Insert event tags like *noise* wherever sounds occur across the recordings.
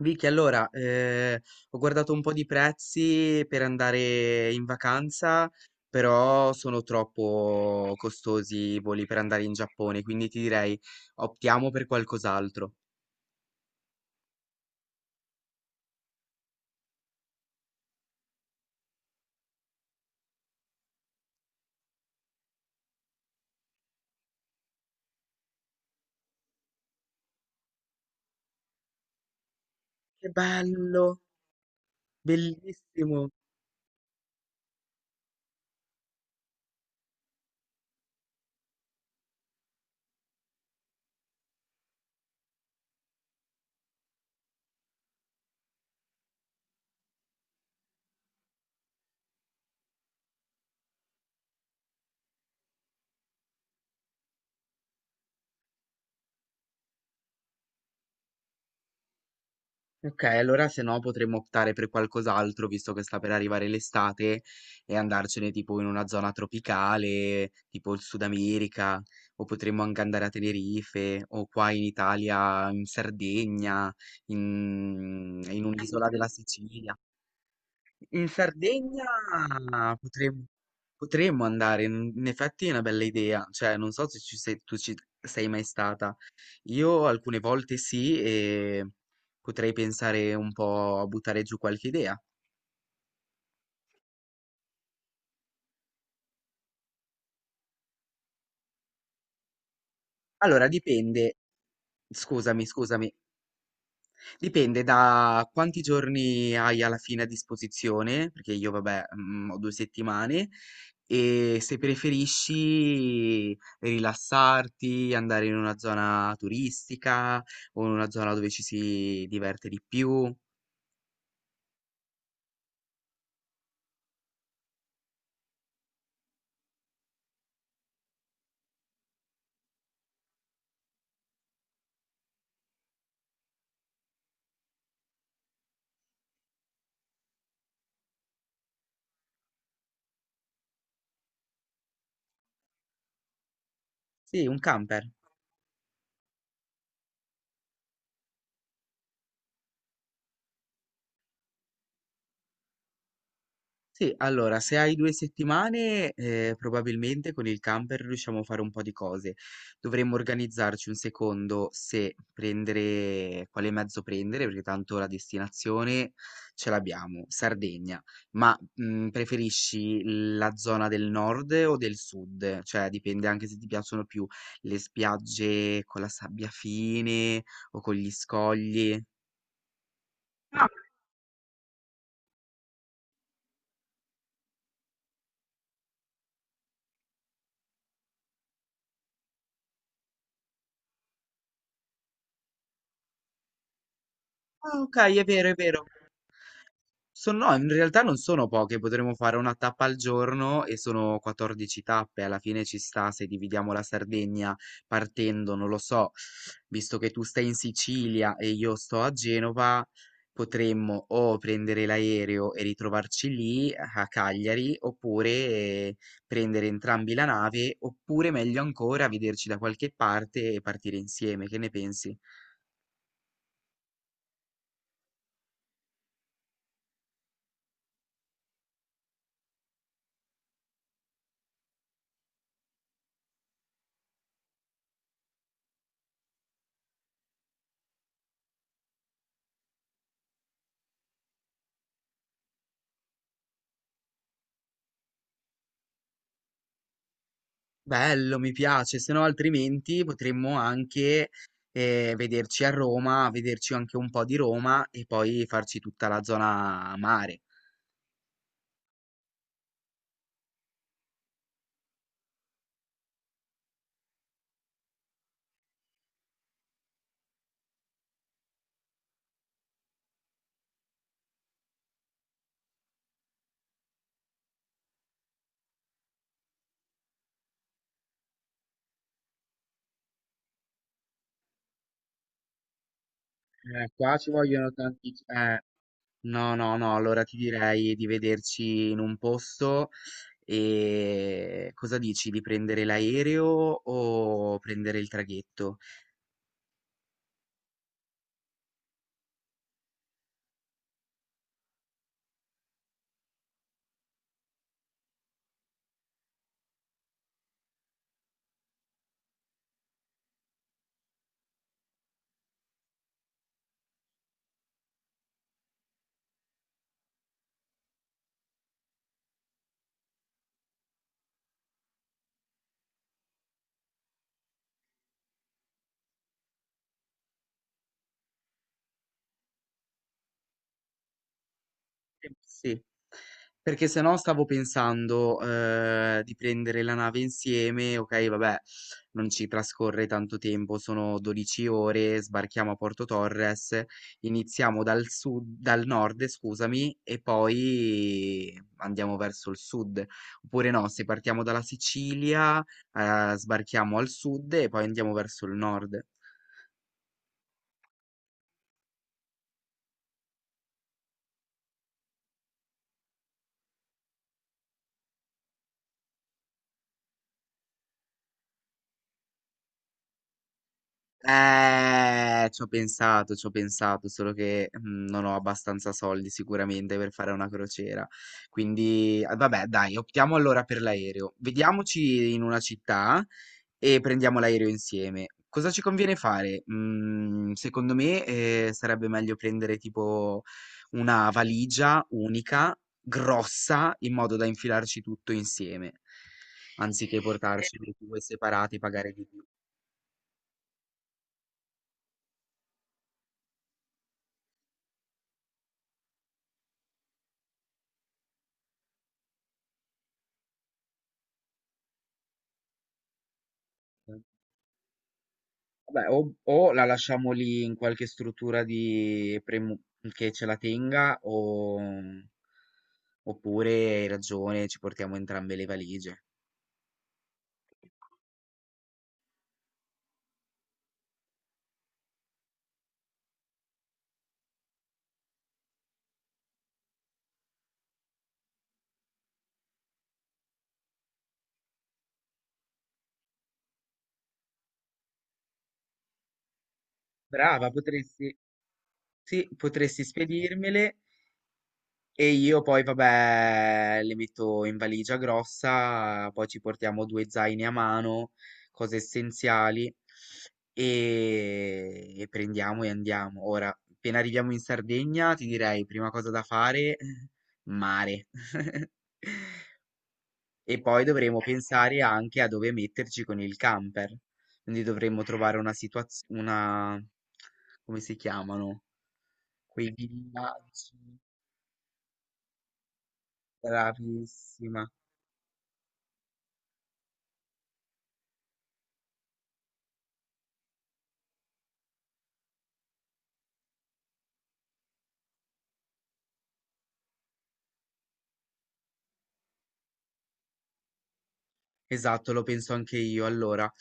Vicky, allora, ho guardato un po' di prezzi per andare in vacanza, però sono troppo costosi i voli per andare in Giappone, quindi ti direi optiamo per qualcos'altro. Che bello, bellissimo. Ok, allora se no potremmo optare per qualcos'altro, visto che sta per arrivare l'estate, e andarcene tipo in una zona tropicale, tipo il Sud America, o potremmo anche andare a Tenerife, o qua in Italia, in Sardegna, in un'isola della Sicilia. In Sardegna potremmo, potremmo andare, in effetti è una bella idea, cioè non so se tu ci sei mai stata. Io alcune volte sì, e potrei pensare un po' a buttare giù qualche idea. Allora, dipende, scusami, scusami, dipende da quanti giorni hai alla fine a disposizione, perché io, vabbè, ho 2 settimane, e se preferisci rilassarti, andare in una zona turistica o in una zona dove ci si diverte di più. Sì, un camper. Sì, allora, se hai 2 settimane, probabilmente con il camper riusciamo a fare un po' di cose. Dovremmo organizzarci un secondo se prendere quale mezzo prendere, perché tanto la destinazione ce l'abbiamo, Sardegna. Ma, mhmm, preferisci la zona del nord o del sud? Cioè, dipende anche se ti piacciono più le spiagge con la sabbia fine o con gli scogli. Ah, okay, è vero, è vero. Sono no, in realtà non sono poche, potremmo fare una tappa al giorno e sono 14 tappe, alla fine ci sta se dividiamo la Sardegna partendo, non lo so, visto che tu stai in Sicilia e io sto a Genova, potremmo o prendere l'aereo e ritrovarci lì a Cagliari, oppure prendere entrambi la nave, oppure meglio ancora vederci da qualche parte e partire insieme, che ne pensi? Bello, mi piace, se no altrimenti potremmo anche vederci a Roma, vederci anche un po' di Roma e poi farci tutta la zona mare. Qua ci vogliono tanti. No, no, no, allora ti direi di vederci in un posto e cosa dici, di prendere l'aereo o prendere il traghetto? Sì, perché se no stavo pensando, di prendere la nave insieme, okay, vabbè, non ci trascorre tanto tempo, sono 12 ore, sbarchiamo a Porto Torres, iniziamo dal nord, scusami, e poi andiamo verso il sud. Oppure no, se partiamo dalla Sicilia, sbarchiamo al sud e poi andiamo verso il nord. Ci ho pensato, solo che non ho abbastanza soldi sicuramente per fare una crociera. Quindi, ah, vabbè, dai, optiamo allora per l'aereo. Vediamoci in una città e prendiamo l'aereo insieme. Cosa ci conviene fare? Mm, secondo me, sarebbe meglio prendere tipo una valigia unica, grossa, in modo da infilarci tutto insieme, anziché portarci 2 separati e pagare di più. Eh. Vabbè, o la lasciamo lì in qualche struttura di che ce la tenga, oppure hai ragione, ci portiamo entrambe le valigie. Brava, potresti, sì, potresti spedirmele. E io poi, vabbè, le metto in valigia grossa, poi ci portiamo 2 zaini a mano, cose essenziali, e prendiamo e andiamo. Ora, appena arriviamo in Sardegna, ti direi, prima cosa da fare, *laughs* mare. *laughs* E poi dovremo pensare anche a dove metterci con il camper. Quindi dovremmo trovare una situazione, come si chiamano? Quei villaggi, bravissima. Esatto, lo penso anche io. Allora,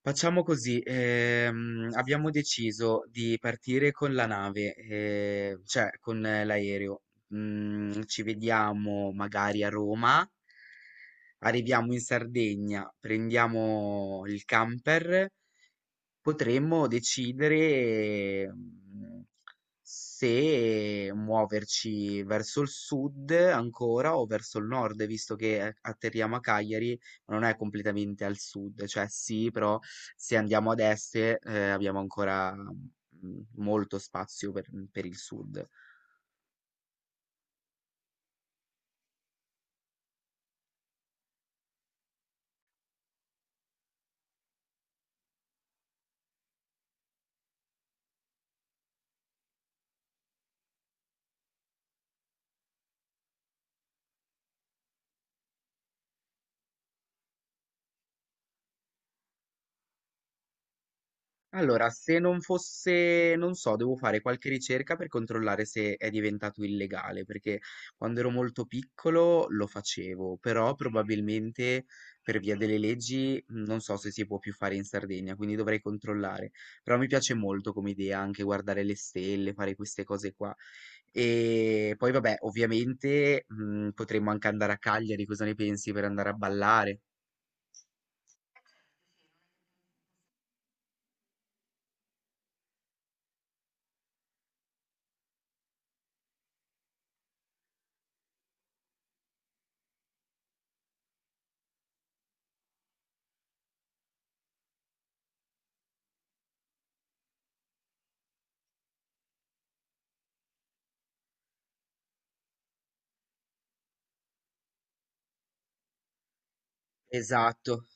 facciamo così, abbiamo deciso di partire con la nave, cioè con l'aereo. Mm, ci vediamo magari a Roma, arriviamo in Sardegna, prendiamo il camper. Potremmo decidere, mhmm, se muoverci verso il sud ancora o verso il nord, visto che atterriamo a Cagliari, ma non è completamente al sud, cioè sì, però se andiamo ad est, abbiamo ancora, mhmm, molto spazio per il sud. Allora, se non fosse, non so, devo fare qualche ricerca per controllare se è diventato illegale, perché quando ero molto piccolo lo facevo, però probabilmente per via delle leggi non so se si può più fare in Sardegna, quindi dovrei controllare. Però mi piace molto come idea anche guardare le stelle, fare queste cose qua. E poi vabbè, ovviamente potremmo anche andare a Cagliari, cosa ne pensi per andare a ballare? Esatto,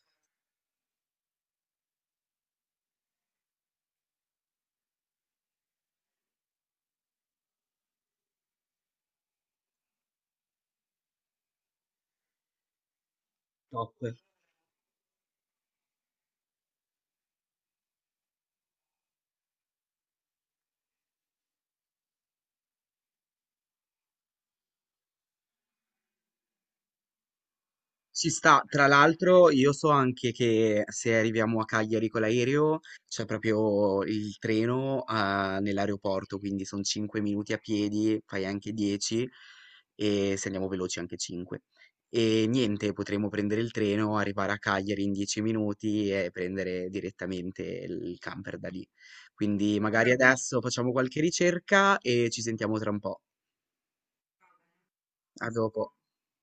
top. Ci sta, tra l'altro io so anche che se arriviamo a Cagliari con l'aereo c'è proprio il treno ah, nell'aeroporto, quindi sono 5 minuti a piedi, fai anche 10 e se andiamo veloci anche 5. E niente, potremo prendere il treno, arrivare a Cagliari in 10 minuti e prendere direttamente il camper da lì. Quindi magari adesso facciamo qualche ricerca e ci sentiamo tra un po'. A dopo.